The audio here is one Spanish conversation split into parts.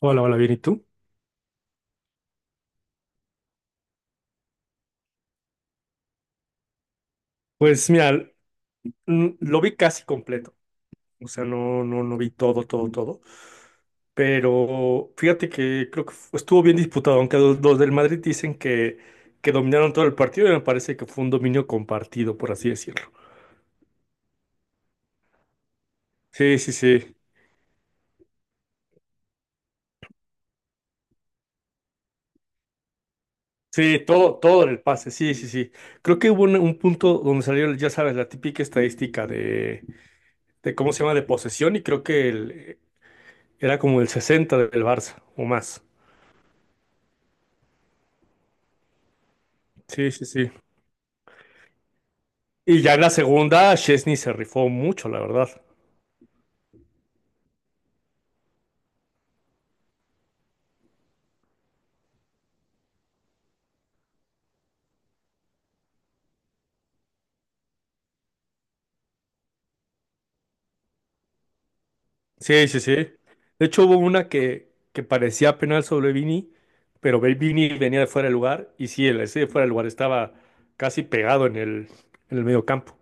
Hola, hola, bien, ¿y tú? Pues mira, lo vi casi completo, o sea, no vi todo, todo, todo, pero fíjate que creo que estuvo bien disputado, aunque los del Madrid dicen que dominaron todo el partido, y me parece que fue un dominio compartido, por así decirlo. Sí, sí, sí, sí, todo, todo en el pase, sí, sí, sí. Creo que hubo un punto donde salió, ya sabes, la típica estadística de cómo se llama, de posesión, y creo que era como el 60 del Barça o más. Sí, sí, sí. Y ya en la segunda, Chesney se rifó mucho, la verdad. Sí, sí, sí. De hecho, hubo una que parecía penal sobre Vini, pero Vini venía de fuera de lugar. Y sí, el ese de fuera de lugar estaba casi pegado en el medio campo.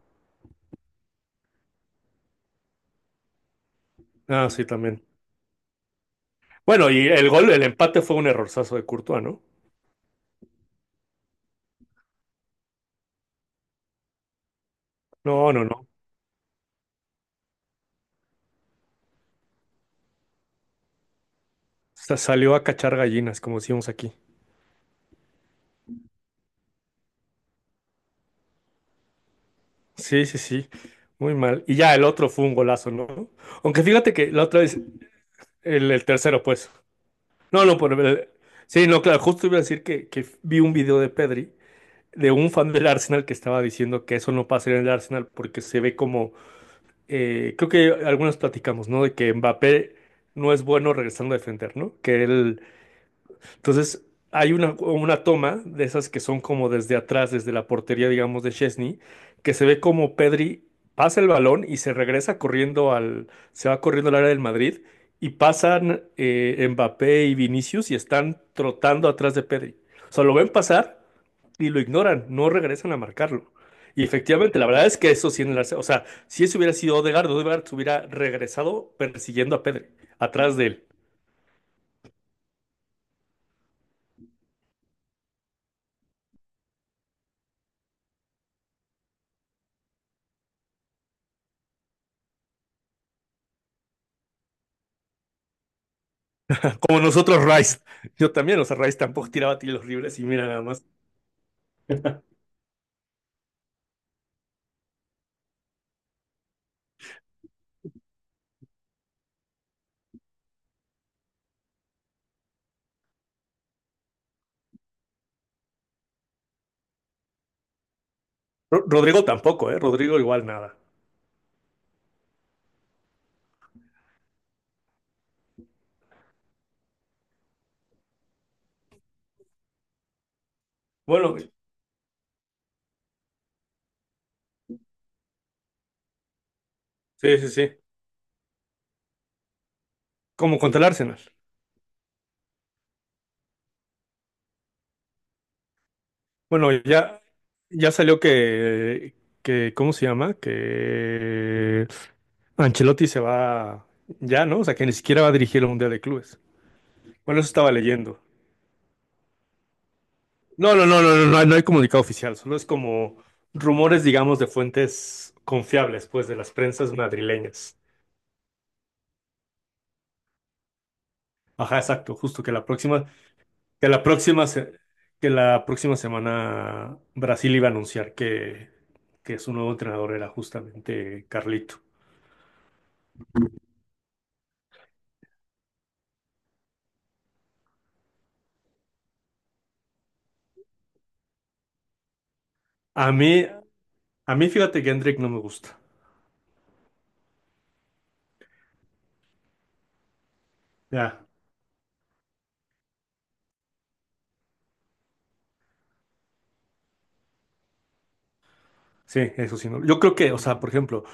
Ah, sí, también. Bueno, y el gol, el empate fue un errorzazo de Courtois, ¿no? No, no, no. Salió a cachar gallinas, como decíamos aquí. Sí, sí, sí. Muy mal. Y ya el otro fue un golazo, ¿no? Aunque fíjate que la otra vez, el tercero, pues. No, no, sí, no, claro, justo iba a decir que vi un video de Pedri, de un fan del Arsenal que estaba diciendo que eso no pasaría en el Arsenal porque se ve como, creo que algunos platicamos, ¿no? De que Mbappé no es bueno regresando a defender, ¿no? Que él entonces, hay una toma de esas que son como desde atrás, desde la portería, digamos, de Chesney, que se ve como Pedri pasa el balón y se regresa corriendo al, se va corriendo al área del Madrid y pasan Mbappé y Vinicius y están trotando atrás de Pedri. O sea, lo ven pasar y lo ignoran, no regresan a marcarlo. Y efectivamente, la verdad es que eso sí en el o sea, si eso hubiera sido Odegaard, Odegaard se hubiera regresado persiguiendo a Pedri, atrás de él. Como nosotros, Rice. Yo también, o sea, Rice tampoco tiraba tiros libres y mira nada más. Rodrigo tampoco, ¿eh? Rodrigo igual nada. Bueno, sí, sí, sí. Como contra el Arsenal. Bueno, ya, ya salió ¿cómo se llama? Que Ancelotti se va ya, ¿no? O sea, que ni siquiera va a dirigir el Mundial de Clubes. Bueno, eso estaba leyendo. No, no, no, no, no, no hay, no hay comunicado oficial, solo es como rumores, digamos, de fuentes confiables, pues, de las prensas madrileñas. Ajá, exacto, justo que la próxima, que la próxima, que la próxima semana Brasil iba a anunciar que su nuevo entrenador era justamente Carlito. A mí, a mí fíjate que Hendrik no me gusta. Ya, sí, eso sí. No. Yo creo que, o sea, por ejemplo,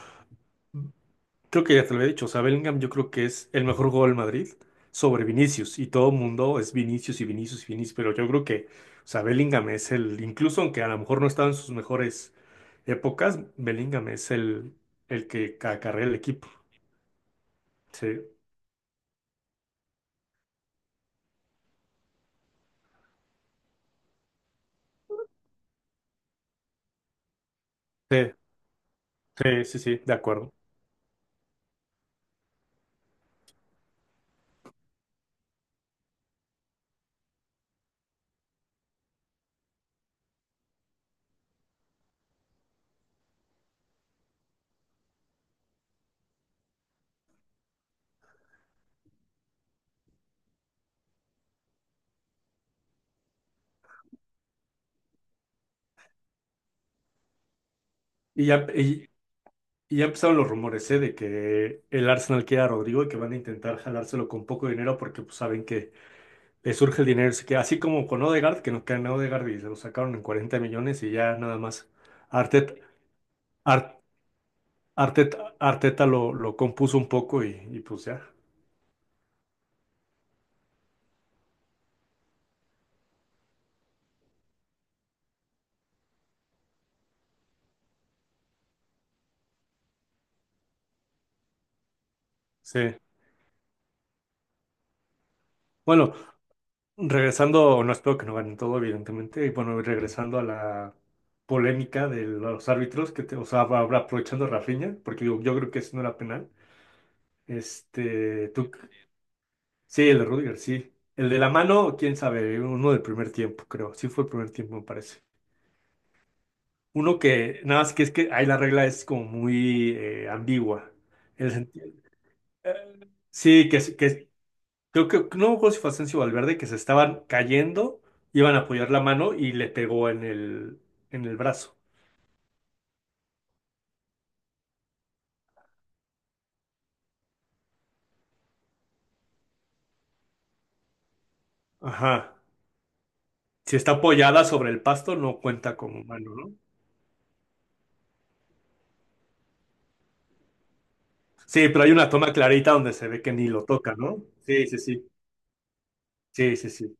creo que ya te lo he dicho, o sea, Bellingham yo creo que es el mejor jugador del Madrid sobre Vinicius y todo el mundo es Vinicius y Vinicius y Vinicius, pero yo creo que, o sea, Bellingham es el, incluso aunque a lo mejor no estaba en sus mejores épocas, Bellingham es el que acarrea el equipo. Sí. Sí, sí, sí, sí, de acuerdo. Y ya, y, y ya empezaron los rumores, ¿eh? De que el Arsenal quiere a Rodrigo y que van a intentar jalárselo con poco dinero porque pues, saben que le surge el dinero. Así que así como con Odegaard, que nos quedan a Odegaard y se lo sacaron en 40 millones y ya nada más Arteta, Ar- Arteta, Arteta lo compuso un poco y pues ya. Sí. Bueno, regresando, no espero que no ganen todo, evidentemente, y bueno, regresando a la polémica de los árbitros, o sea, va aprovechando a Rafinha, porque yo creo que eso no era penal. Este, tú, sí, el de Rudiger, sí. El de la mano, quién sabe, uno del primer tiempo, creo. Sí fue el primer tiempo, me parece. Uno que, nada más que es que ahí la regla es como muy ambigua. El senti- eh, sí, que es- Creo que no me acuerdo si fue Asensio o Valverde que se estaban cayendo, iban a apoyar la mano y le pegó en el brazo. Ajá. Si está apoyada sobre el pasto, no cuenta como mano, ¿no? Sí, pero hay una toma clarita donde se ve que ni lo toca, ¿no? Sí, sí, sí. Sí, sí, sí.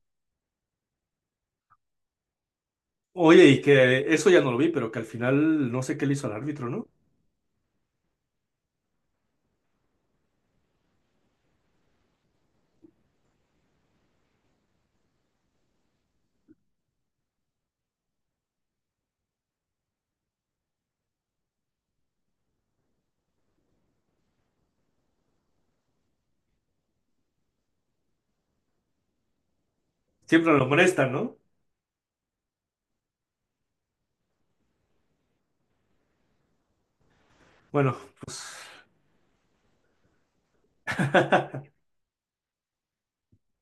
Oye, y que eso ya no lo vi, pero que al final no sé qué le hizo al árbitro, ¿no? Siempre lo molestan, ¿no? Bueno.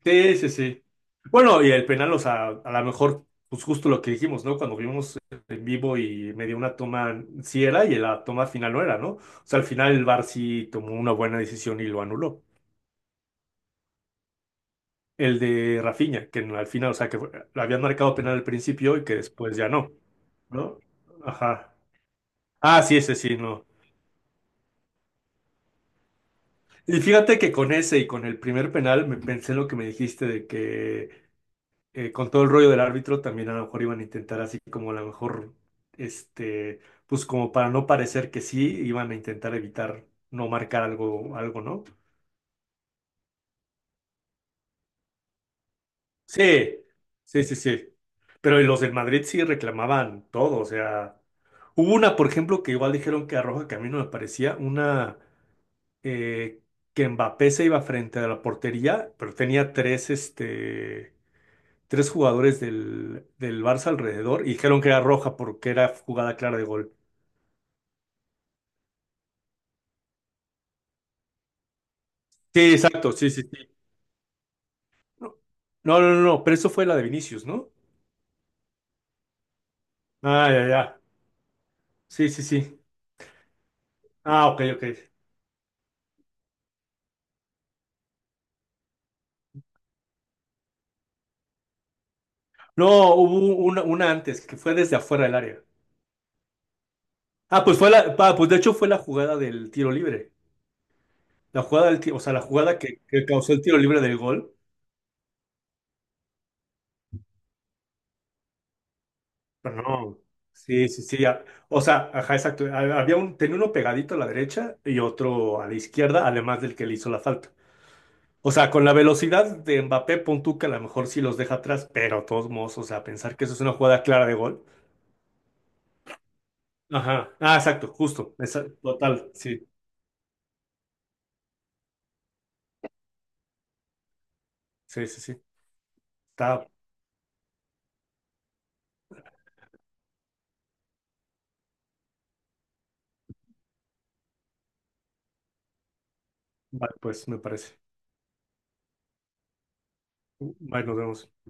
Sí, sí, sí. Bueno, y el penal, o sea, a lo mejor, pues justo lo que dijimos, ¿no? Cuando vimos en vivo y me dio una toma, sí era, y la toma final no era, ¿no? O sea, al final el VAR sí tomó una buena decisión y lo anuló. El de Rafinha, que al final, o sea, lo habían marcado penal al principio y que después ya no, ¿no? Ajá. Ah, sí, ese sí, no. Y fíjate que con ese y con el primer penal me pensé en lo que me dijiste de que con todo el rollo del árbitro, también a lo mejor iban a intentar así como a lo mejor, este, pues como para no parecer que sí, iban a intentar evitar no marcar algo, algo, ¿no? Sí, sí, sí, sí. Pero los del Madrid sí reclamaban todo, o sea, hubo una, por ejemplo, que igual dijeron que a Roja que a mí no me parecía, una eh, que Mbappé se iba frente a la portería, pero tenía tres, este tres jugadores del Barça alrededor y dijeron que era roja porque era jugada clara de gol. Sí, exacto, sí, sí, sí. No, no, no, no, pero eso fue la de Vinicius, ¿no? Ah, ya, ya. Sí, sí, sí. Ah, ok, ok. No, hubo una antes que fue desde afuera del área. Ah, pues de hecho fue la jugada del tiro libre. La jugada del, ti- o sea, la jugada que causó el tiro libre del gol pero no, sí, sí, sí. O sea, ajá, exacto. Había un, tenía uno pegadito a la derecha y otro a la izquierda, además del que le hizo la falta. O sea, con la velocidad de Mbappé, pon tú que a lo mejor sí los deja atrás, pero de todos modos, o sea, pensar que eso es una jugada clara de gol. Ajá. Ah, exacto, justo. Total, sí, sí, sí, sí. Está, vale, pues me parece. Bye, nos vemos.